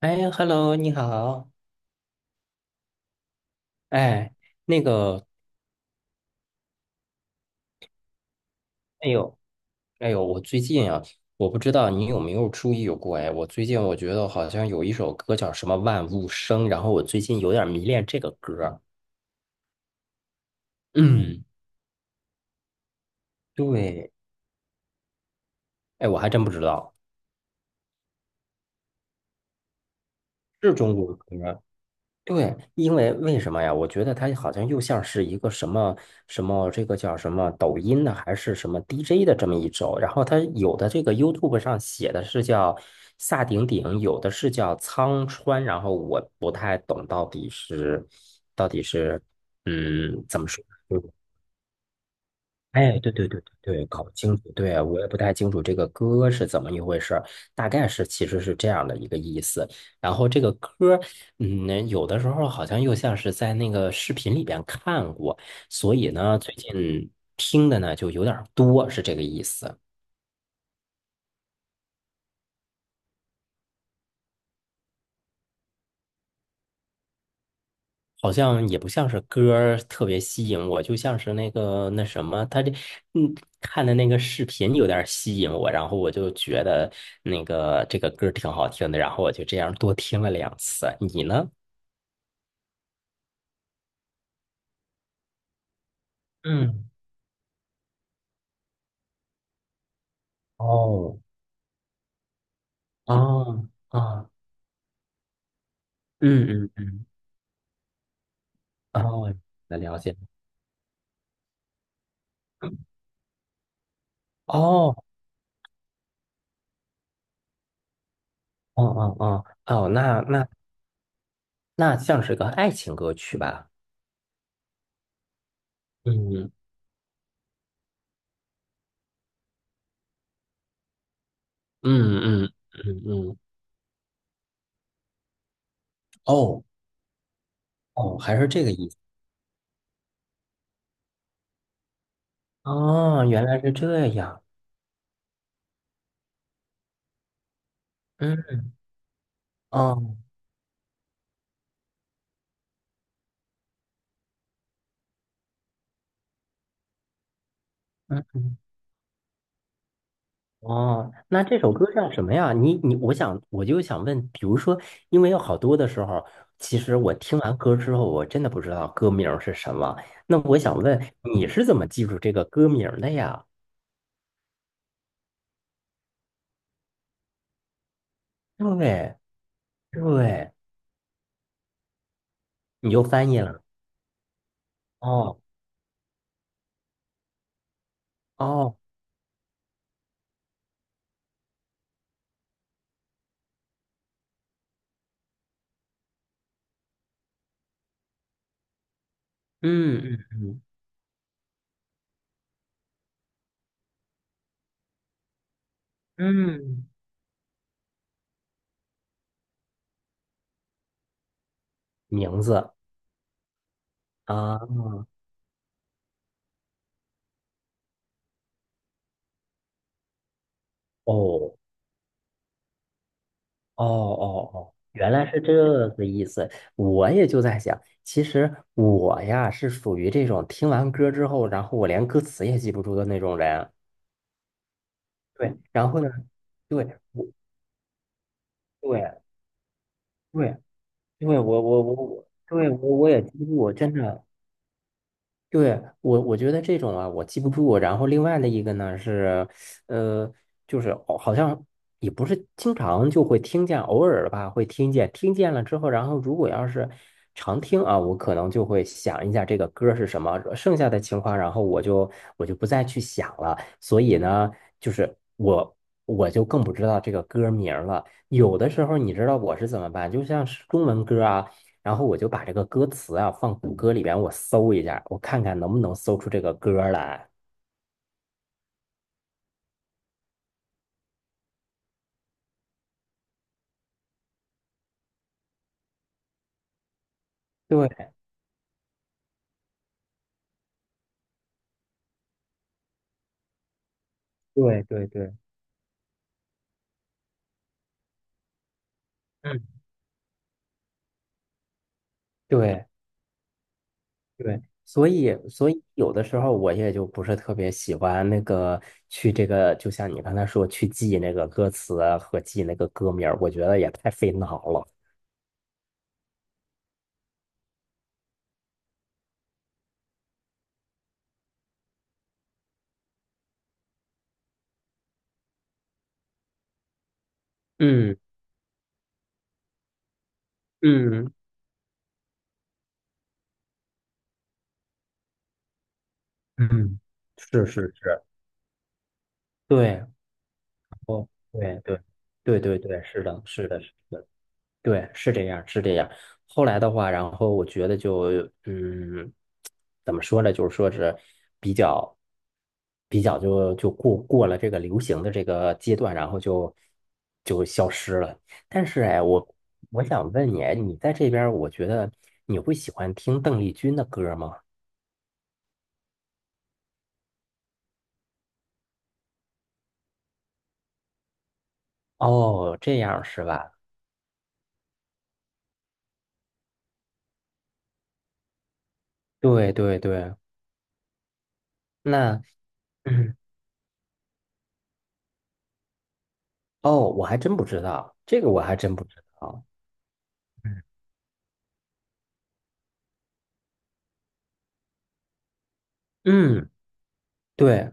哎，Hello，你好。哎，那个，哎呦，哎呦，我最近啊，我不知道你有没有注意过，哎，我最近我觉得好像有一首歌叫什么《万物生》，然后我最近有点迷恋这个歌儿。嗯，对，哎，我还真不知道，是中国歌。对，因为为什么呀？我觉得它好像又像是一个什么什么，这个叫什么抖音的，还是什么 DJ 的这么一种。然后它有的这个 YouTube 上写的是叫萨顶顶，有的是叫苍川。然后我不太懂到底是，嗯，怎么说？哎，对对对对对，搞不清楚。对啊，我也不太清楚这个歌是怎么一回事儿，大概是其实是这样的一个意思。然后这个歌，有的时候好像又像是在那个视频里边看过，所以呢，最近听的呢就有点儿多，是这个意思。好像也不像是歌儿特别吸引我，就像是那个那什么，他这嗯看的那个视频有点儿吸引我，然后我就觉得那个这个歌儿挺好听的，然后我就这样多听了两次。你呢？嗯，哦，哦，啊，嗯嗯嗯，哦，那了解。哦，哦哦哦哦，那像是个爱情歌曲吧？嗯嗯嗯嗯嗯，哦哦，还是这个意思。哦，原来是这样。嗯，哦，嗯嗯，哦，那这首歌叫什么呀？你，我就想问，比如说，因为有好多的时候，其实我听完歌之后，我真的不知道歌名儿是什么。那我想问，你是怎么记住这个歌名儿的呀？对对，你就翻译了。哦哦，嗯嗯嗯嗯，名字啊，哦。哦哦哦，原来是这个意思。我也就在想，其实我呀是属于这种听完歌之后，然后我连歌词也记不住的那种人。对，然后呢，对，我对对因为我，对我也记不住，真的。对，我觉得这种啊，我记不住。然后另外的一个呢是，呃，就是好像也不是经常就会听见，偶尔吧会听见。听见了之后，然后如果要是常听啊，我可能就会想一下这个歌是什么。剩下的情况，然后我就不再去想了。所以呢，就是我就更不知道这个歌名儿了。有的时候你知道我是怎么办？就像是中文歌啊。然后我就把这个歌词啊放谷歌里边，我搜一下，我看看能不能搜出这个歌儿来。对对对对嗯对对，所以有的时候我也就不是特别喜欢那个去这个，就像你刚才说去记那个歌词啊和记那个歌名儿我觉得也太费脑了。嗯嗯嗯，是是是，对，哦，对对对对对，是的，是的，是的。对，是这样，是这样。后来的话，然后我觉得就，嗯，怎么说呢？就是说是比较，比较就过了这个流行的这个阶段，然后就消失了。但是哎，我想问你，哎你在这边儿我觉得你会喜欢听邓丽君的歌吗？哦，这样是吧？对对对，那嗯哦，我还真不知道，这个我还真不知道。嗯，对。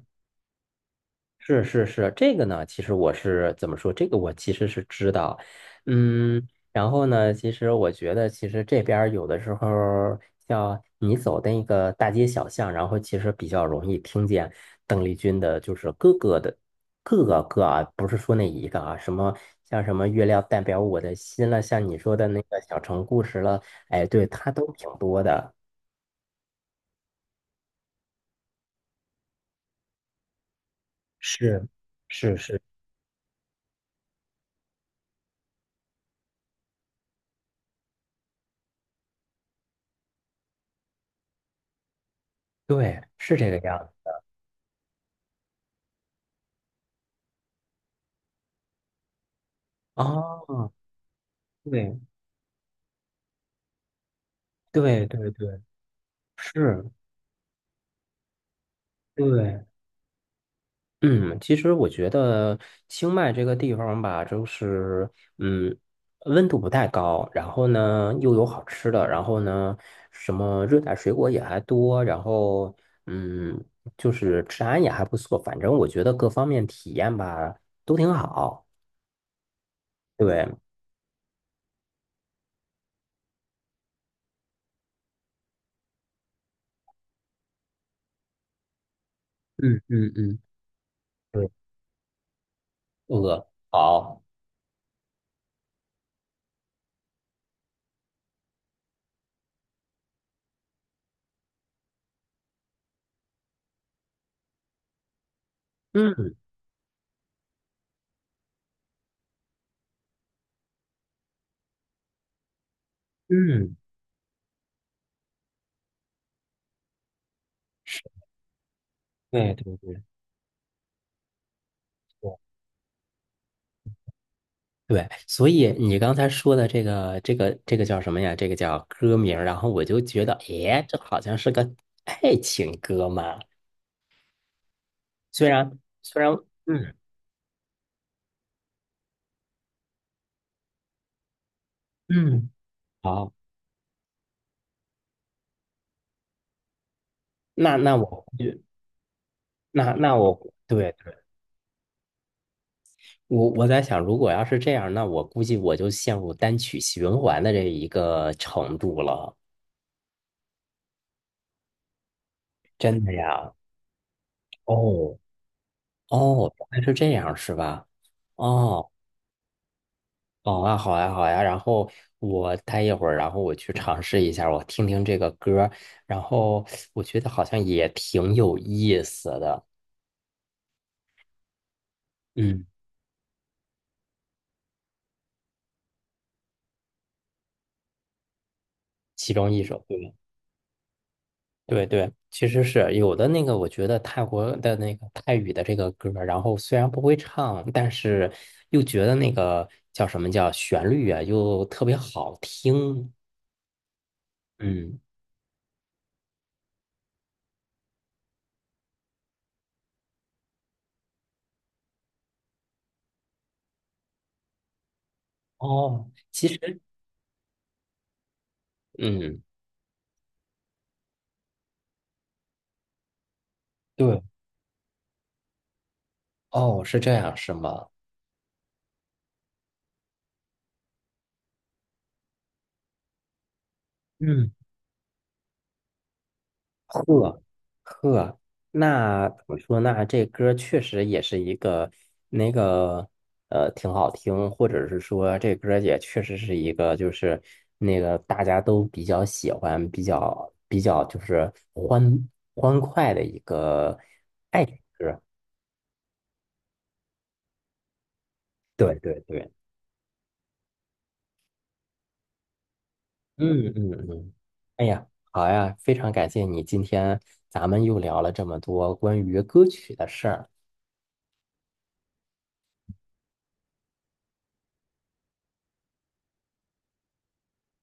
是是是，这个呢，其实我是怎么说？这个我其实是知道，嗯，然后呢，其实我觉得，其实这边儿有的时候儿像你走的那个大街小巷，然后其实比较容易听见邓丽君的，就是各个的各个歌啊，不是说那一个啊，什么像什么月亮代表我的心了，像你说的那个小城故事了，哎，对，它都挺多的。是是是，对，是这个样子。哦，对对对对。是，对，嗯，其实我觉得清迈这个地方吧，就是嗯，温度不太高，然后呢又有好吃的，然后呢什么热带水果也还多，然后嗯，就是治安也还不错，反正我觉得各方面体验吧都挺好。对，嗯嗯嗯，对，好，嗯嗯，对对对。对，所以你刚才说的这个叫什么呀？这个叫歌名儿然后我就觉得，诶，这好像是个爱情歌嘛。虽然，嗯嗯，好，那我估计那我对对，我在想，如果要是这样，那我估计我就陷入单曲循环的这一个程度了。真的呀？哦哦，原来是这样，是吧？哦。好啊，好呀，好呀。然后我待一会儿，然后我去尝试一下，我听听这个歌儿，然后我觉得好像也挺有意思的。嗯，其中一首，对对对，其实是有的那个，我觉得泰国的那个泰语的这个歌儿，然后虽然不会唱，但是又觉得那个叫什么叫旋律啊，又特别好听。嗯，哦，其实，嗯，对，哦，是这样，是吗？嗯。呵呵，那怎么说呢？这歌确实也是一个那个挺好听，或者是说这歌也确实是一个，就是那个大家都比较喜欢、比较就是欢快的一个爱情歌。对对对，嗯嗯嗯，哎呀，好呀，非常感谢你，今天咱们又聊了这么多关于歌曲的事儿。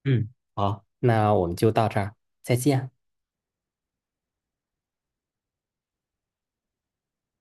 嗯，好，那我们就到这儿，再见。